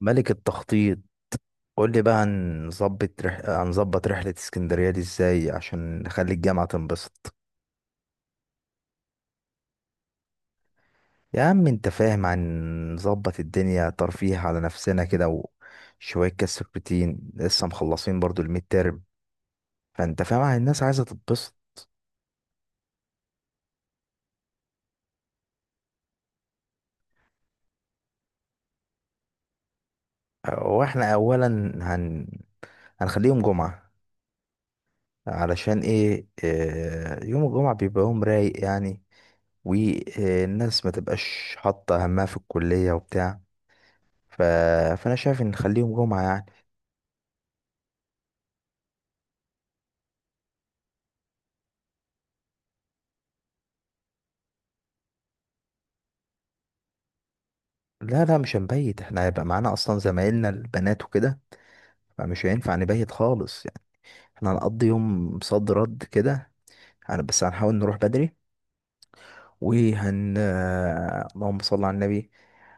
ملك التخطيط. قول لي بقى، هنظبط هنظبط رحلة اسكندرية دي ازاي عشان نخلي الجامعة تنبسط؟ يا عم انت فاهم، هنظبط الدنيا ترفيه على نفسنا كده. وشوية كاس بروتين لسه مخلصين برضو الميد تيرم، فانت فاهم الناس عايزة تتبسط. واحنا اولا هن... هنخليهم جمعة. علشان ايه؟ يوم الجمعة بيبقى يوم رايق يعني، والناس ما تبقاش حاطة همها في الكلية وبتاع. ف... فانا شايف ان نخليهم جمعة يعني. لا لا مش هنبيت، احنا هيبقى معانا اصلا زمايلنا البنات وكده، فمش هينفع نبيت خالص يعني. احنا هنقضي يوم صد رد كده. بس هنحاول نروح بدري. وهن آه، اللهم صل على النبي.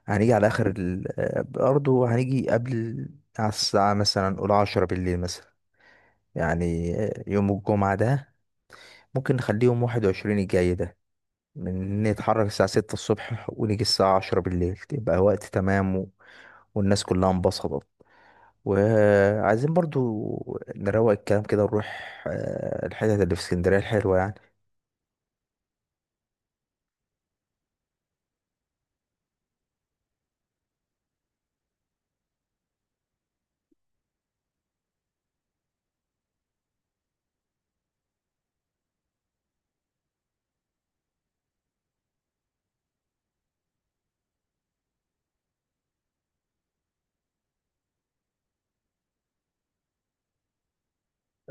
هنيجي على اخر ال... آه، برضه هنيجي على الساعة مثلا قول 10 بالليل مثلا. يعني يوم الجمعة ده ممكن نخليهم 21 الجاي ده. من نتحرك الساعة 6 الصبح ونيجي الساعة 10 بالليل يبقى وقت تمام، والناس كلها انبسطت. وعايزين برضو نروق الكلام كده ونروح الحتت اللي في اسكندرية الحلوة يعني.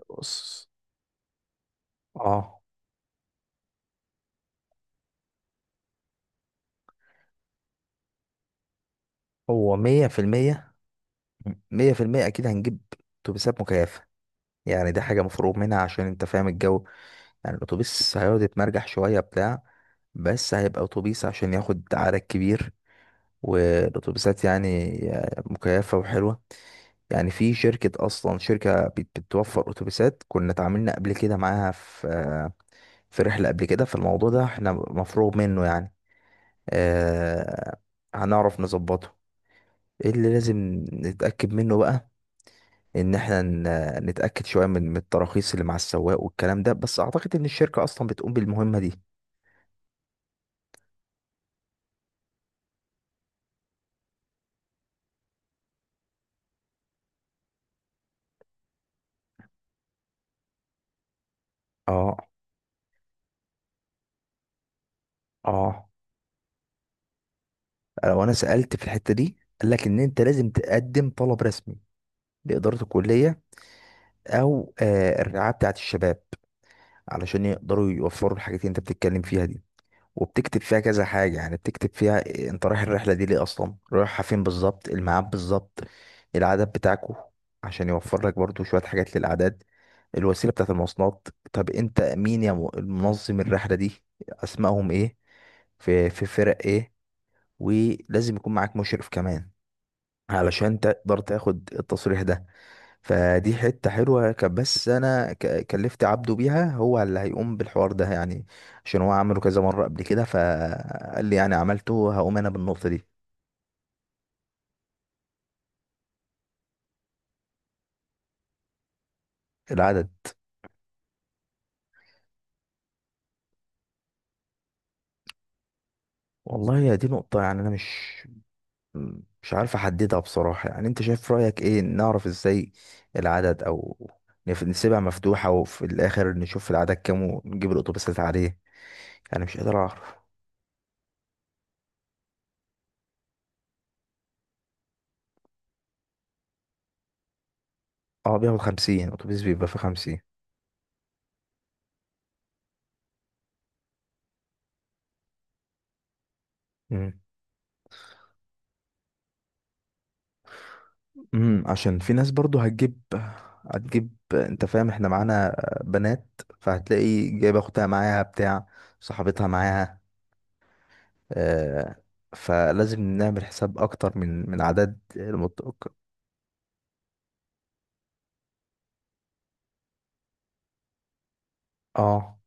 بص، اه، هو 100%، 100% أكيد هنجيب أتوبيسات مكيفة. يعني دي حاجة مفروغ منها، عشان أنت فاهم الجو. يعني الأتوبيس هيقعد يتمرجح شوية بتاع، بس هيبقى أتوبيس عشان ياخد عدد كبير. والأتوبيسات يعني مكيفة وحلوة. يعني في شركة، أصلا شركة بتوفر أتوبيسات، كنا اتعاملنا قبل كده معاها في رحلة قبل كده، فالموضوع ده احنا مفروغ منه يعني. اه، هنعرف نظبطه. ايه اللي لازم نتأكد منه بقى؟ إن احنا نتأكد شوية من التراخيص اللي مع السواق والكلام ده، بس أعتقد إن الشركة أصلا بتقوم بالمهمة دي. اه. اه، لو أنا سألت في الحتة دي، قال لك إن أنت لازم تقدم طلب رسمي لإدارة الكلية، أو الرعاية بتاعة الشباب، علشان يقدروا يوفروا الحاجات اللي انت بتتكلم فيها دي. وبتكتب فيها كذا حاجة، يعني بتكتب فيها إيه، انت رايح الرحلة دي ليه، اصلا رايحة فين بالظبط، الميعاد بالظبط، العدد بتاعكو، عشان يوفر لك برضو شوية حاجات للأعداد، الوسيلة بتاعت المواصلات. طب انت مين يا منظم الرحلة دي؟ اسمائهم ايه؟ في فرق ايه؟ ولازم يكون معاك مشرف كمان علشان تقدر تاخد التصريح ده. فدي حتة حلوة، كان بس أنا كلفت عبده بيها، هو اللي هيقوم بالحوار ده يعني. عشان هو عمله كذا مرة قبل كده، فقال لي يعني عملته هقوم أنا بالنقطة دي. العدد. والله يا دي نقطة، يعني أنا مش عارف أحددها بصراحة. يعني أنت شايف رأيك إيه، نعرف إزاي العدد، أو نسيبها مفتوحة وفي الآخر نشوف العدد كام ونجيب الأتوبيسات عليه؟ يعني مش قادر أعرف. أه، بياخد 50، أتوبيس بيبقى فيه 50. امم، عشان في ناس برضو هتجيب، انت فاهم، احنا معانا بنات، فهتلاقي جايبه اختها معاها بتاع، صاحبتها معاها، آه. فلازم نعمل حساب اكتر من عدد المتوقع. اه.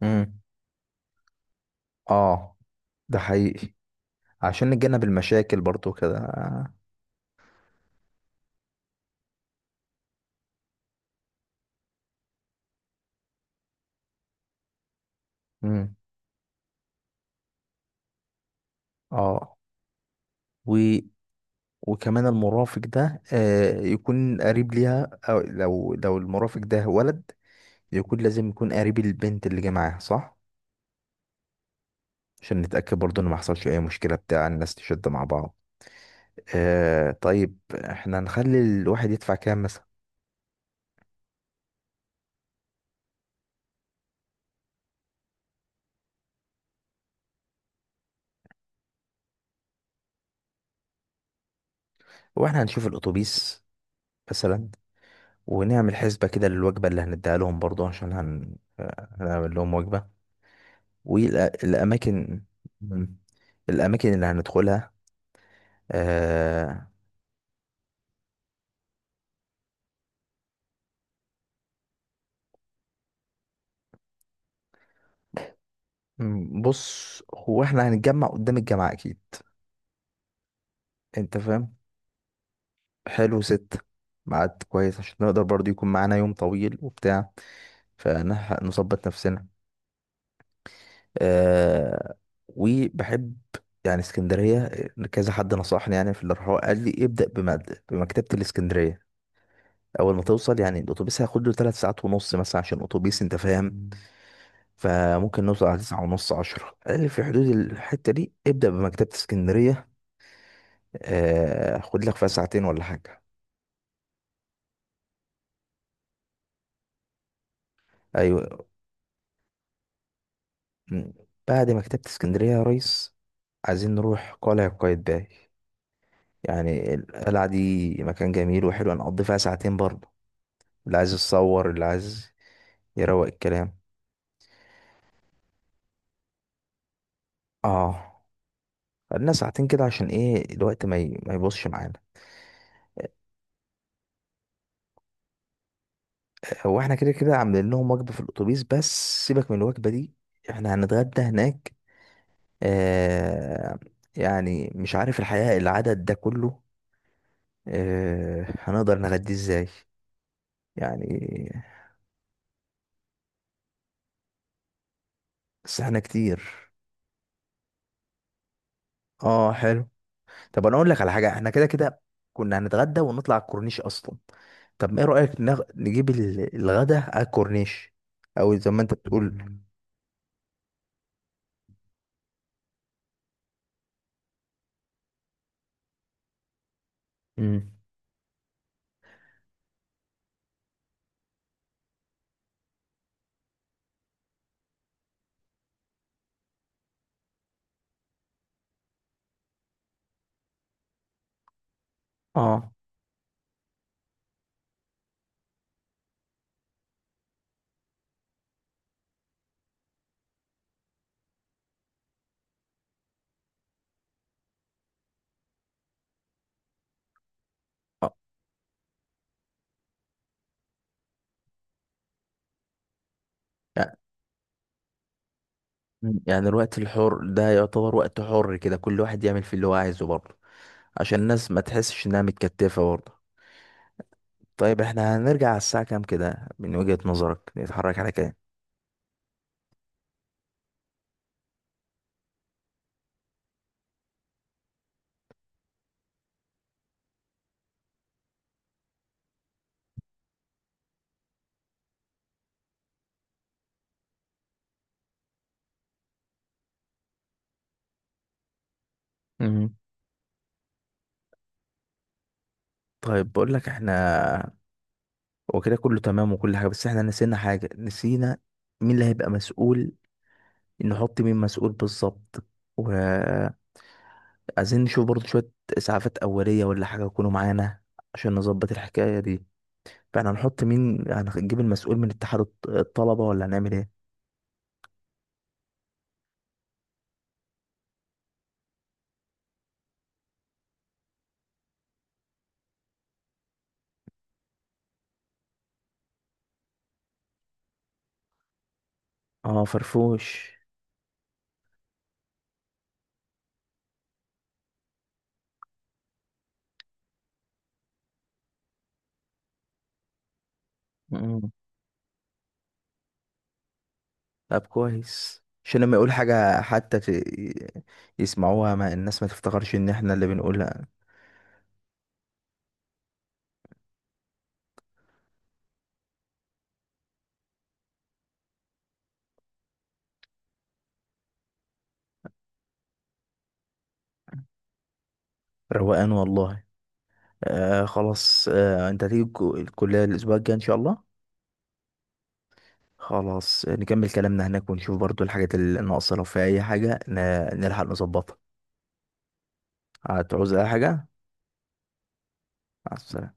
امم. اه، ده حقيقي، عشان نتجنب المشاكل برضو كده. امم. اه. و وكمان المرافق ده يكون قريب ليها. او لو المرافق ده ولد، يكون لازم يكون قريب البنت اللي جاي معاها صح. عشان نتأكد برضو ان ما حصلش اي مشكلة بتاع الناس تشد مع بعض. آه طيب، احنا هنخلي الواحد يدفع كام مثلا؟ واحنا هنشوف الاتوبيس مثلا، ونعمل حسبة كده للوجبة اللي هنديها لهم برضو، عشان هن... آه، هنعمل لهم وجبة. والأماكن، الأماكن اللي هندخلها. آه. بص، هو احنا هنتجمع قدام الجامعة أكيد. أنت فاهم. حلو ست، ميعاد كويس عشان نقدر برضو يكون معانا يوم طويل وبتاع، فنظبط نفسنا. آه. وبحب يعني اسكندرية. كذا حد نصحني يعني في الرحلة، قال لي ابدأ بمد بمكتبة الاسكندرية أول ما توصل. يعني الأتوبيس هياخد له 3 ساعات ونص مثلا، عشان أتوبيس أنت فاهم. فممكن نوصل على 9:30، 10. قال لي في حدود الحتة دي ابدأ بمكتبة اسكندرية، آه، خد لك فيها ساعتين ولا حاجة. أيوة. م. بعد مكتبة اسكندرية يا ريس، عايزين نروح قلعة قايتباي. يعني القلعة دي مكان جميل وحلو، هنقضي فيها ساعتين برضه. اللي عايز يتصور، اللي عايز يروق الكلام. اه. خدنا ساعتين كده عشان ايه، الوقت ما يبصش معانا. هو احنا كده كده عاملين لهم وجبة في الاتوبيس. بس سيبك من الوجبة دي، احنا هنتغدى هناك. آه. يعني مش عارف الحقيقة، العدد ده كله هنقدر نغديه ازاي يعني؟ بس احنا كتير. اه، حلو. طب انا اقول لك على حاجه، احنا كده كده كنا هنتغدى ونطلع على الكورنيش اصلا. طب ما ايه رايك نجيب الغدا على الكورنيش، او زي ما انت بتقول. امم. اه. آه، يع- يعني الوقت الحر ده يعتبر وقت حر كده، كل واحد يعمل فيه اللي هو عايزه برضه. عشان الناس ما تحسش انها متكتفه برضه. طيب احنا هنرجع على الساعه كام كده من وجهه نظرك، نتحرك على كام؟ امم. طيب بقول لك احنا، هو كده كله تمام وكل حاجه، بس احنا نسينا حاجه، نسينا مين اللي هيبقى مسؤول، نحط مين مسؤول بالظبط. وعايزين نشوف برضه شوية إسعافات أولية ولا حاجة يكونوا معانا، عشان نظبط الحكاية دي. فاحنا هنحط مين، هنجيب المسؤول من اتحاد الطلبة، ولا هنعمل ايه؟ اه، فرفوش. مم. طب كويس، عشان لما يقول حاجة حتى يسمعوها، ما الناس ما تفتكرش ان احنا اللي بنقولها. روقان والله. آه خلاص، آه انت هتيجي الكلية الأسبوع الجاي إن شاء الله. خلاص نكمل كلامنا هناك، ونشوف برضو الحاجات اللي ناقصة، لو في أي حاجة نلحق نظبطها. هتعوز أي حاجة. مع السلامة.